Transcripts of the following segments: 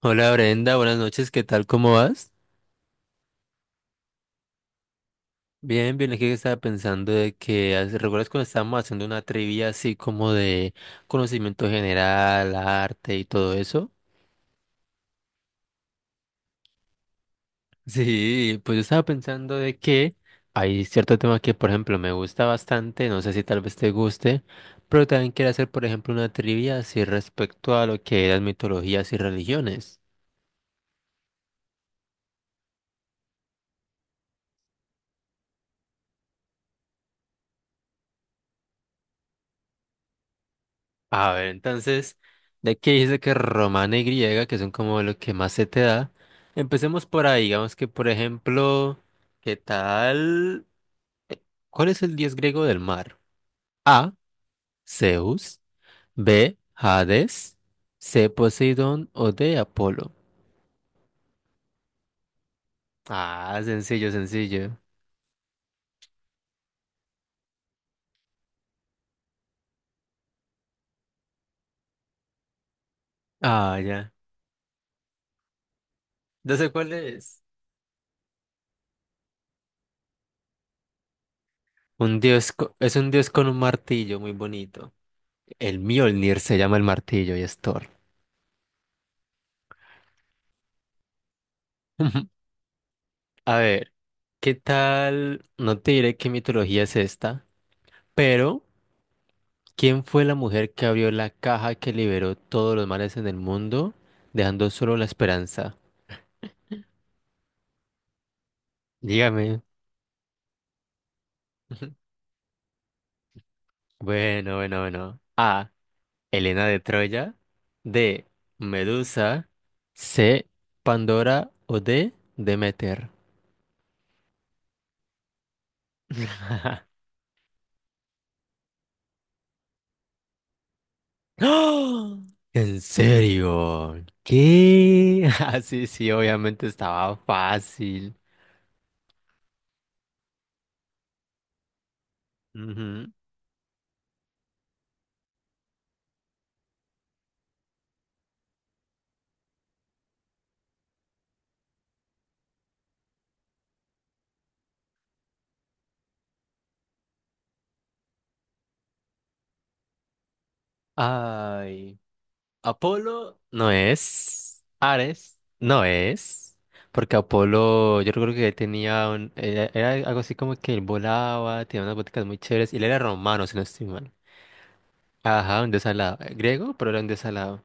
Hola Brenda, buenas noches, ¿qué tal? ¿Cómo vas? Bien, bien, aquí estaba pensando de que, hace- ¿recuerdas cuando estábamos haciendo una trivia así como de conocimiento general, arte y todo eso? Sí, pues yo estaba pensando de que hay cierto tema que, por ejemplo, me gusta bastante, no sé si tal vez te guste, pero también quiero hacer, por ejemplo, una trivia así respecto a lo que eran mitologías y religiones. A ver, entonces, de que dice que romana y griega, que son como lo que más se te da, empecemos por ahí, digamos que por ejemplo, ¿qué tal? eh, ¿Cuál es el dios griego del mar? A, Zeus, B, Hades, C, Poseidón o D, Apolo. Ah, sencillo, sencillo. Ah, ya. No sé cuál es. Un dios co- es un dios con un martillo muy bonito. El Mjolnir se llama el martillo y es Thor. A ver, ¿qué tal? No te diré qué mitología es esta, pero ¿quién fue la mujer que abrió la caja que liberó todos los males en el mundo, dejando solo la esperanza? Dígame. Bueno, bueno, bueno. A. Helena de Troya. D. Medusa. C. Pandora o D. Demeter. ¡Ah! ¿En serio? ¿Qué? Ah, sí, sí, obviamente estaba fácil. Ujú. Ay, Apolo no es, Ares no es, porque Apolo yo creo que tenía era, era algo así como que él volaba, tenía unas boticas muy chéveres, y él era romano, si no estoy mal. Ajá, un dios alado, griego, pero era un dios alado.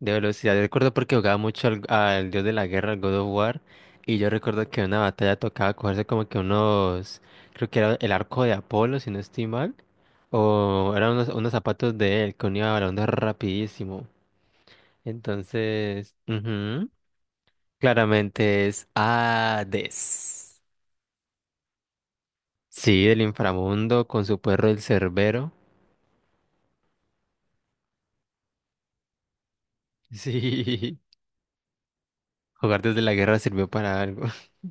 De velocidad, yo recuerdo porque jugaba mucho al dios de la guerra, al God of War, y yo recuerdo que en una batalla tocaba cogerse como que unos, creo que era el arco de Apolo, si no estoy mal, o eran unos zapatos de él, que unía balondas rapidísimo. Entonces, ujú, claramente es Hades. Sí, del inframundo con su perro el Cerbero. Sí, jugar desde la guerra sirvió para algo.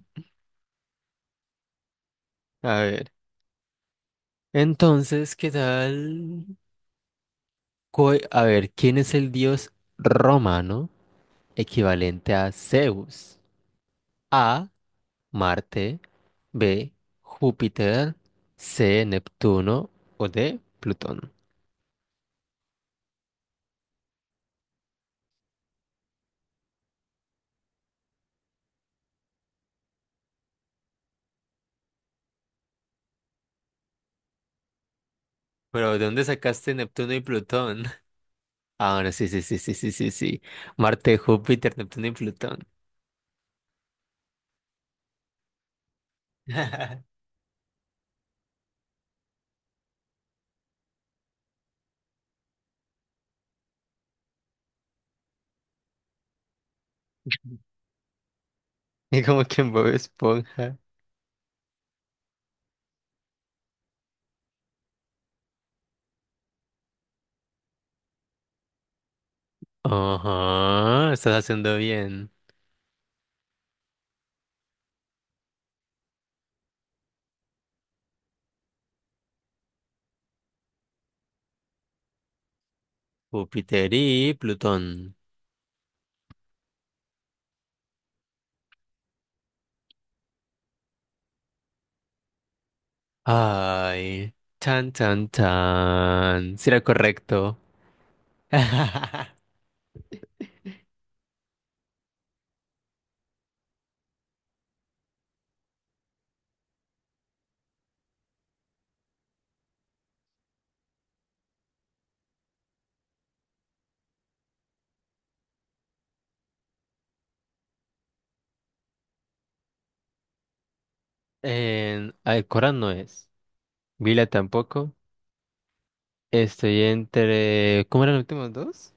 A ver, entonces, ¿qué tal? Co- A ver, ¿quién es el dios romano equivalente a Zeus? A. Marte. B. Júpiter. C. Neptuno. O D. Plutón. Pero ¿de dónde sacaste Neptuno y Plutón? Ah, bueno, sí, sí, sí, sí, sí, sí, sí. Marte, Júpiter, Neptuno y Plutón. Y como que en Bob Esponja. Ajá, estás haciendo bien. Júpiter y Plutón. Ay, tan, tan, tan. Si era correcto. En Alcorán no es. Vila tampoco. Estoy entre... ¿Cómo eran los últimos dos?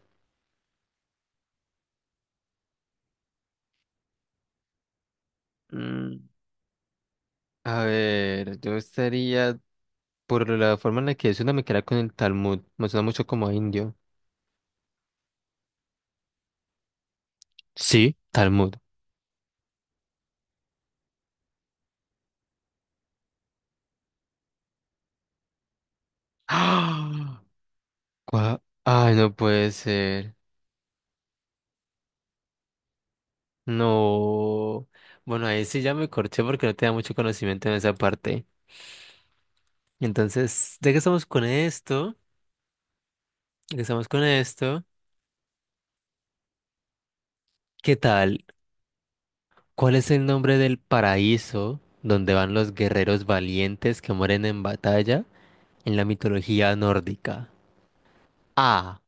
Mm, a ver, yo estaría... Por la forma en la que suena me queda con el Talmud. Me suena mucho como a indio. Sí, Talmud. ¡Ah! Gua- Ay, no puede ser. No. Bueno, ahí sí ya me corché porque no tenía mucho conocimiento en esa parte. Entonces, ya que estamos con esto, ya que estamos con esto, ¿qué tal? ¿Cuál es el nombre del paraíso donde van los guerreros valientes que mueren en batalla en la mitología nórdica? A.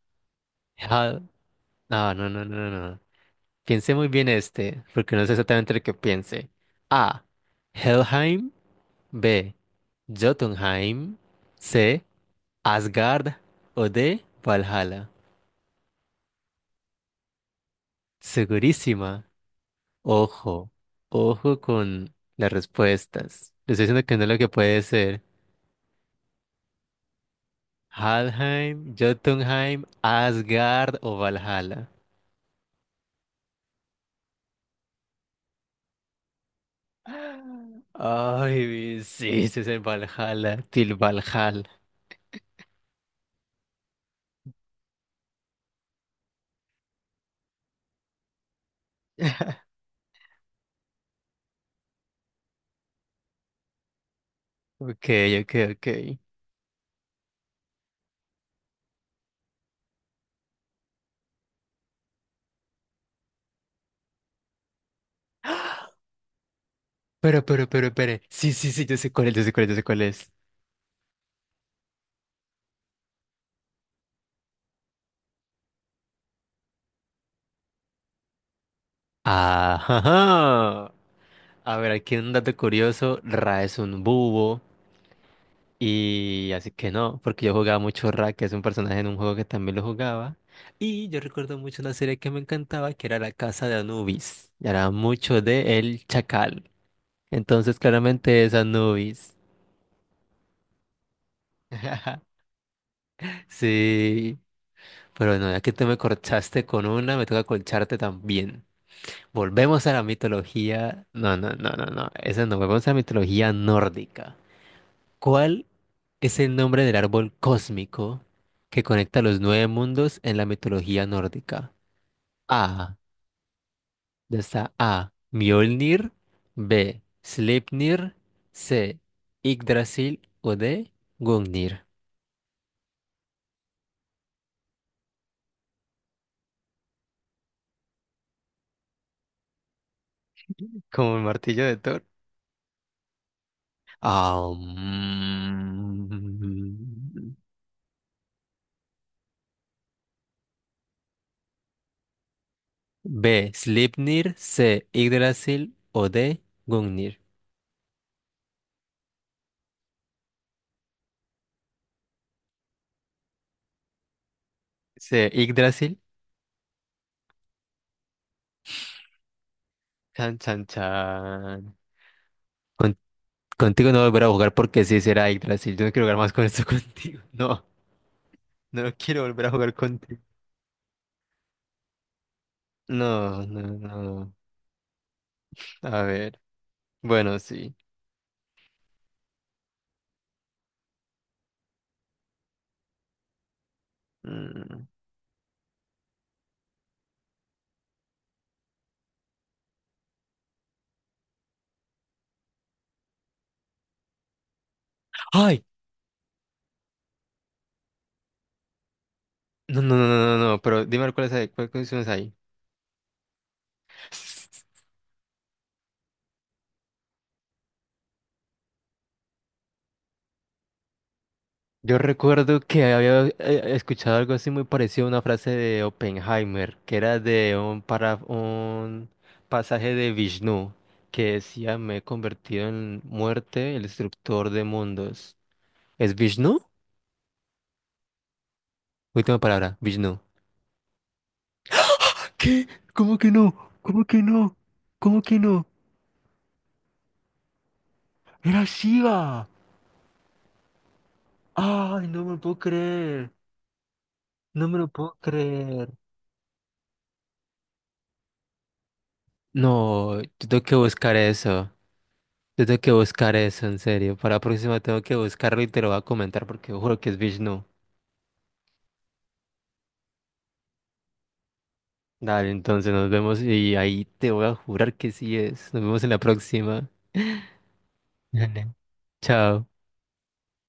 Hel- Ah, no, no, no, no, no. Piense muy bien este, porque no sé exactamente lo que piense. A. Helheim. B. Jotunheim. C. Asgard. O D. Valhalla. Segurísima. Ojo, ojo con las respuestas. Le estoy diciendo que no es lo que puede ser. Halheim, Jotunheim, Asgard o Valhalla. Ay, sí, ese es el Valhalla, Til Valhalla. Ok, ok, ok. Pero, pero. Sí, sí, sí, yo sé cuál es, yo sé cuál es, yo sé cuál es. Ajá. A ver, aquí un dato curioso. Ra es un búho. Y así que no, porque yo jugaba mucho Ra, que es un personaje en un juego que también lo jugaba. Y yo recuerdo mucho una serie que me encantaba, que era La Casa de Anubis. Y era mucho de El Chacal. Entonces, claramente es Anubis. Sí, pero bueno, ya que tú me corchaste con una, me toca colcharte también. Volvemos a la mitología. No, no, no, no, no. Esa no, volvemos a la mitología nórdica. ¿Cuál es el nombre del árbol cósmico que conecta los nueve mundos en la mitología nórdica? A. Ya está A. Mjolnir. B. Sleipnir. C. Yggdrasil. O D. Gungnir. Como el martillo de Thor. Ah, mm. B. Sleipnir. C. Yggdrasil. O D. Gungnir. C. Yggdrasil. Chan, chan, chan. Contigo no volver a jugar porque sí será Yggdrasil. Yo no quiero jugar más con esto contigo. No, no quiero volver a jugar contigo. No, no, no. A ver. Bueno, sí. Mm. ¡Ay! No, no, no, no, no, no. Pero dime cuáles hay, cuáles hay. Yo recuerdo que había escuchado algo así muy parecido a una frase de Oppenheimer, que era de un, para, un pasaje de Vishnu, que decía, me he convertido en muerte, el destructor de mundos. ¿Es Vishnu? Última palabra, Vishnu. ¿Qué? ¿Cómo que no? ¿Cómo que no? ¿Cómo que no? Era Shiva. Ay, no me lo puedo creer. No me lo puedo creer. No, yo tengo que buscar eso. Yo tengo que buscar eso, en serio. Para la próxima tengo que buscarlo y te lo voy a comentar porque juro que es Vishnu. Dale, entonces nos vemos y ahí te voy a jurar que sí es. Nos vemos en la próxima. Dale. Chao.